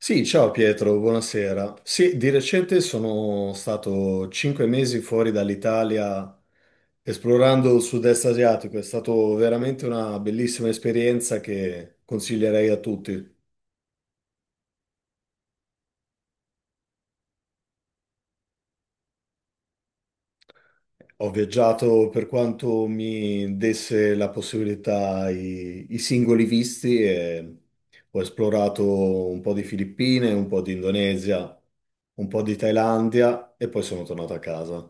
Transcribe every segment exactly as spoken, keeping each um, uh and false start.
Sì, ciao Pietro, buonasera. Sì, di recente sono stato cinque mesi fuori dall'Italia esplorando il sud-est asiatico. È stata veramente una bellissima esperienza che consiglierei a tutti. Ho viaggiato per quanto mi desse la possibilità i, i singoli visti e ho esplorato un po' di Filippine, un po' di Indonesia, un po' di Thailandia e poi sono tornato a casa.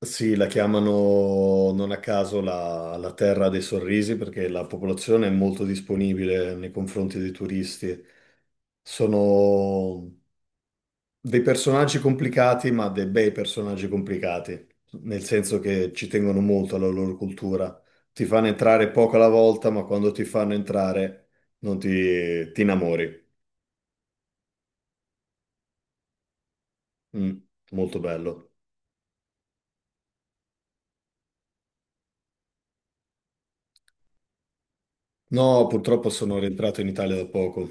Sì, la chiamano non a caso la, la terra dei sorrisi perché la popolazione è molto disponibile nei confronti dei turisti. Sono dei personaggi complicati, ma dei bei personaggi complicati, nel senso che ci tengono molto alla loro cultura. Ti fanno entrare poco alla volta, ma quando ti fanno entrare non ti, ti innamori. Mm, molto bello. No, purtroppo sono rientrato in Italia da poco.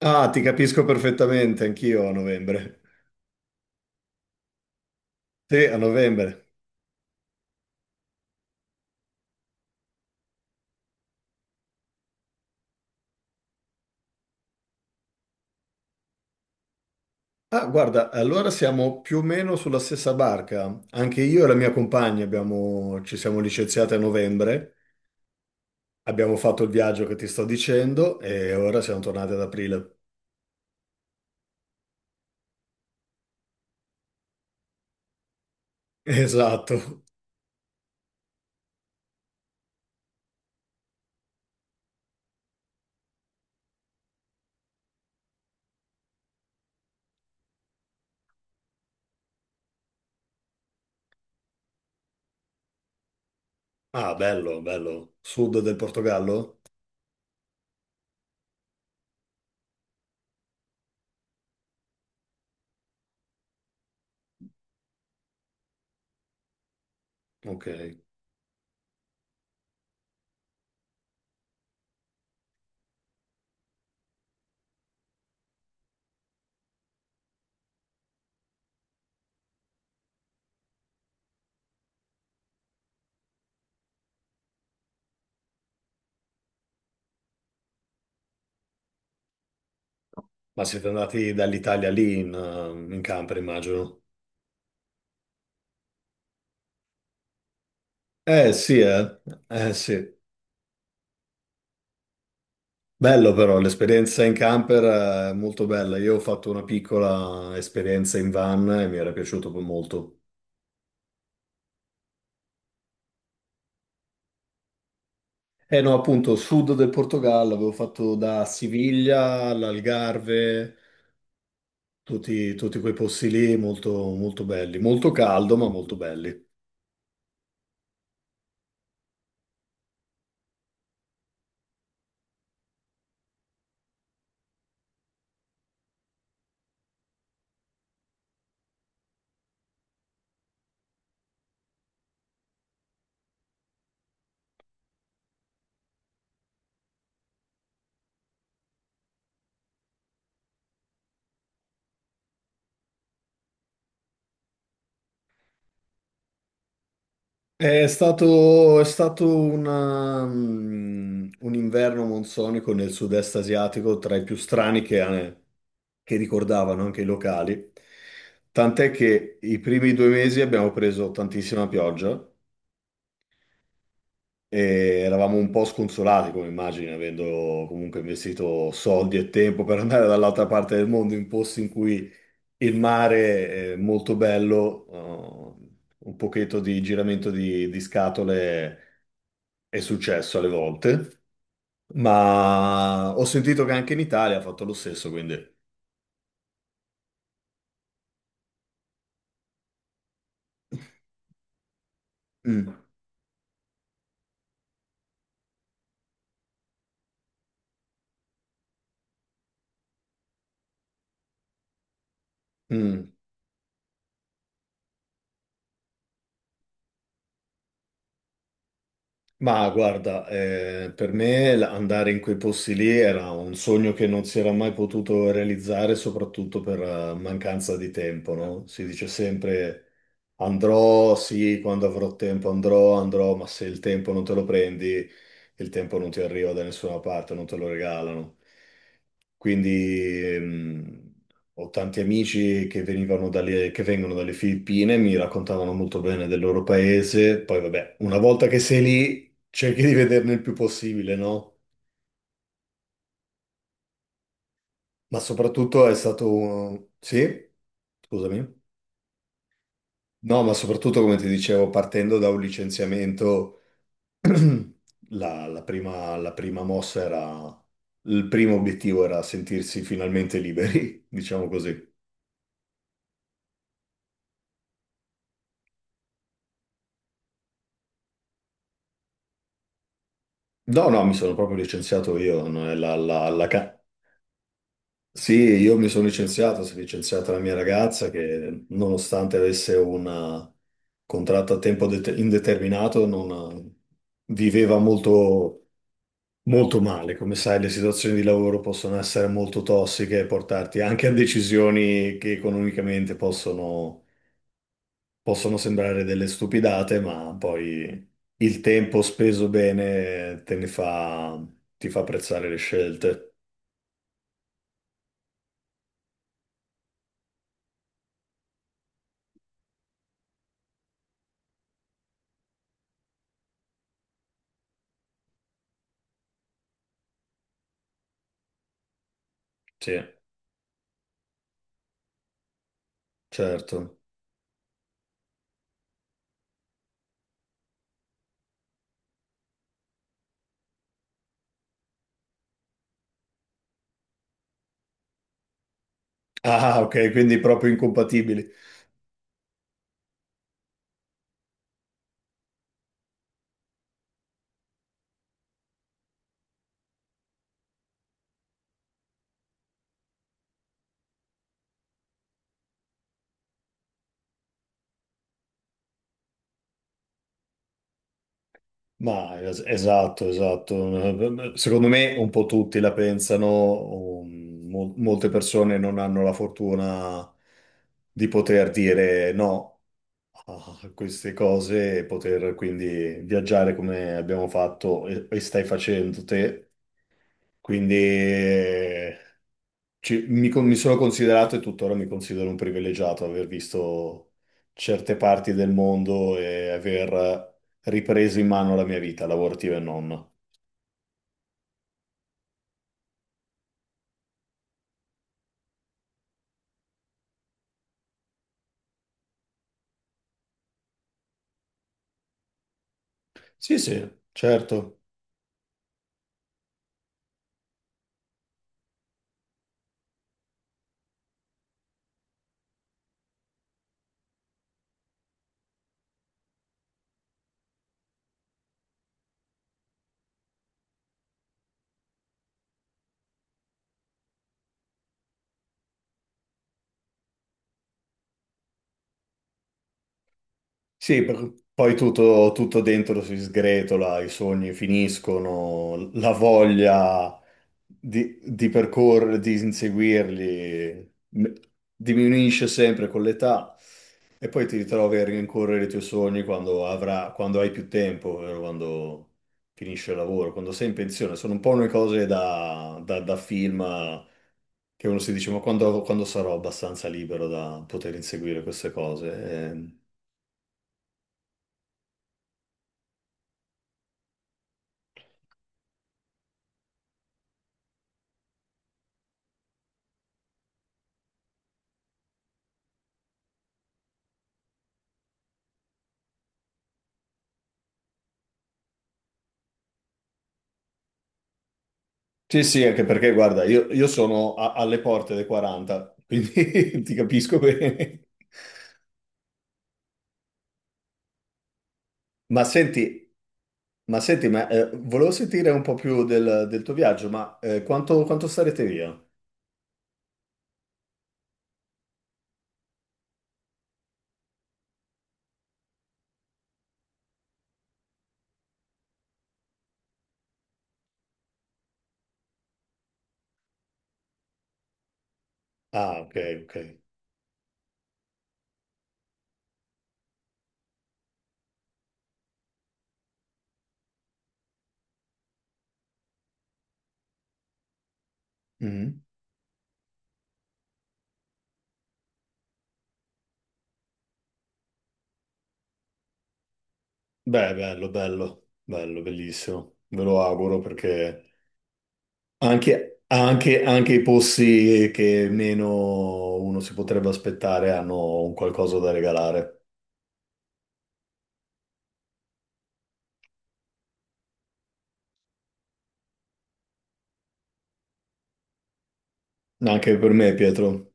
Ah, ti capisco perfettamente, anch'io a novembre. Sì, a novembre. Ah, guarda, allora siamo più o meno sulla stessa barca. Anche io e la mia compagna abbiamo- ci siamo licenziati a novembre, abbiamo fatto il viaggio che ti sto dicendo e ora siamo tornati ad aprile. Esatto. Ah, bello, bello. Sud del Portogallo? Ok. Ma siete andati dall'Italia lì in, eh, in camper, immagino. Eh sì, eh. Eh sì. Bello però, l'esperienza in camper è molto bella. Io ho fatto una piccola esperienza in van e mi era piaciuto molto. Eh no, appunto, sud del Portogallo, avevo fatto da Siviglia all'Algarve, tutti, tutti quei posti lì molto, molto belli. Molto caldo, ma molto belli. È stato, è stato una, mm, un inverno monsonico nel sud-est asiatico tra i più strani che, che ricordavano anche i locali. Tant'è che i primi due mesi abbiamo preso tantissima pioggia e eravamo un po' sconsolati, come immagini, avendo comunque investito soldi e tempo per andare dall'altra parte del mondo in posti in cui il mare è molto bello, eh, un pochetto di giramento di di scatole è successo alle volte, ma ho sentito che anche in Italia ha fatto lo stesso, quindi... Mm, mm. Ma guarda, eh, per me l- andare in quei posti lì era un sogno che non si era mai potuto realizzare, soprattutto per eh, mancanza di tempo, no? Si dice sempre andrò, sì, quando avrò tempo andrò, andrò, ma se il tempo non te lo prendi, il tempo non ti arriva da nessuna parte, non te lo regalano. Quindi ehm, ho tanti amici che venivano dalle, che vengono dalle Filippine, mi raccontavano molto bene del loro paese. Poi, vabbè, una volta che sei lì, cerchi di vederne il più possibile, no? Ma soprattutto è stato un... Sì? Scusami. No, ma soprattutto, come ti dicevo, partendo da un licenziamento, la, la prima, la prima mossa era... Il primo obiettivo era sentirsi finalmente liberi, diciamo così. No, no, mi sono proprio licenziato io. Non è la- la- la ca- Sì, io mi sono licenziato, si è licenziata la mia ragazza che nonostante avesse un contratto a tempo det- indeterminato non viveva molto, molto male. Come sai, le situazioni di lavoro possono essere molto tossiche e portarti anche a decisioni che economicamente possono possono sembrare delle stupidate, ma poi il tempo speso bene te ne fa, ti fa apprezzare le scelte. Sì, certo. Ah, ok, quindi proprio incompatibili. Ma es- esatto, esatto. Secondo me un po' tutti la pensano, um, mol- molte persone non hanno la fortuna di poter dire no a queste cose e poter quindi viaggiare come abbiamo fatto e, e stai facendo te. Quindi eh, ci- mi, con- mi sono considerato e tuttora mi considero un privilegiato aver visto certe parti del mondo e aver ripreso in mano la mia vita, lavorativa e non. Sì, sì, certo. Sì, per- poi tutto, tutto dentro si sgretola, i sogni finiscono, la voglia di, di percorrere, di inseguirli m- diminuisce sempre con l'età e poi ti ritrovi a rincorrere i tuoi sogni quando avra- quando hai più tempo, ovvero quando finisce il lavoro, quando sei in pensione. Sono un po' le cose da, da- da film eh, che uno si dice, ma quando, quando sarò abbastanza libero da poter inseguire queste cose? Ehm, Sì, sì, anche perché, guarda, io, io sono a- alle porte dei quaranta, quindi ti capisco bene. Ma senti, ma senti, ma, eh, volevo sentire un po' più del, del tuo viaggio, ma eh, quanto, quanto starete via? Ah, ok, ok. Mhm. Beh, bello, bello, bello, bellissimo. Ve lo auguro perché anche, anche- anche i posti che meno uno si potrebbe aspettare hanno un qualcosa da regalare. Anche per me, Pietro.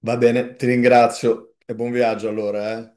Va bene, ti ringrazio e buon viaggio allora, eh.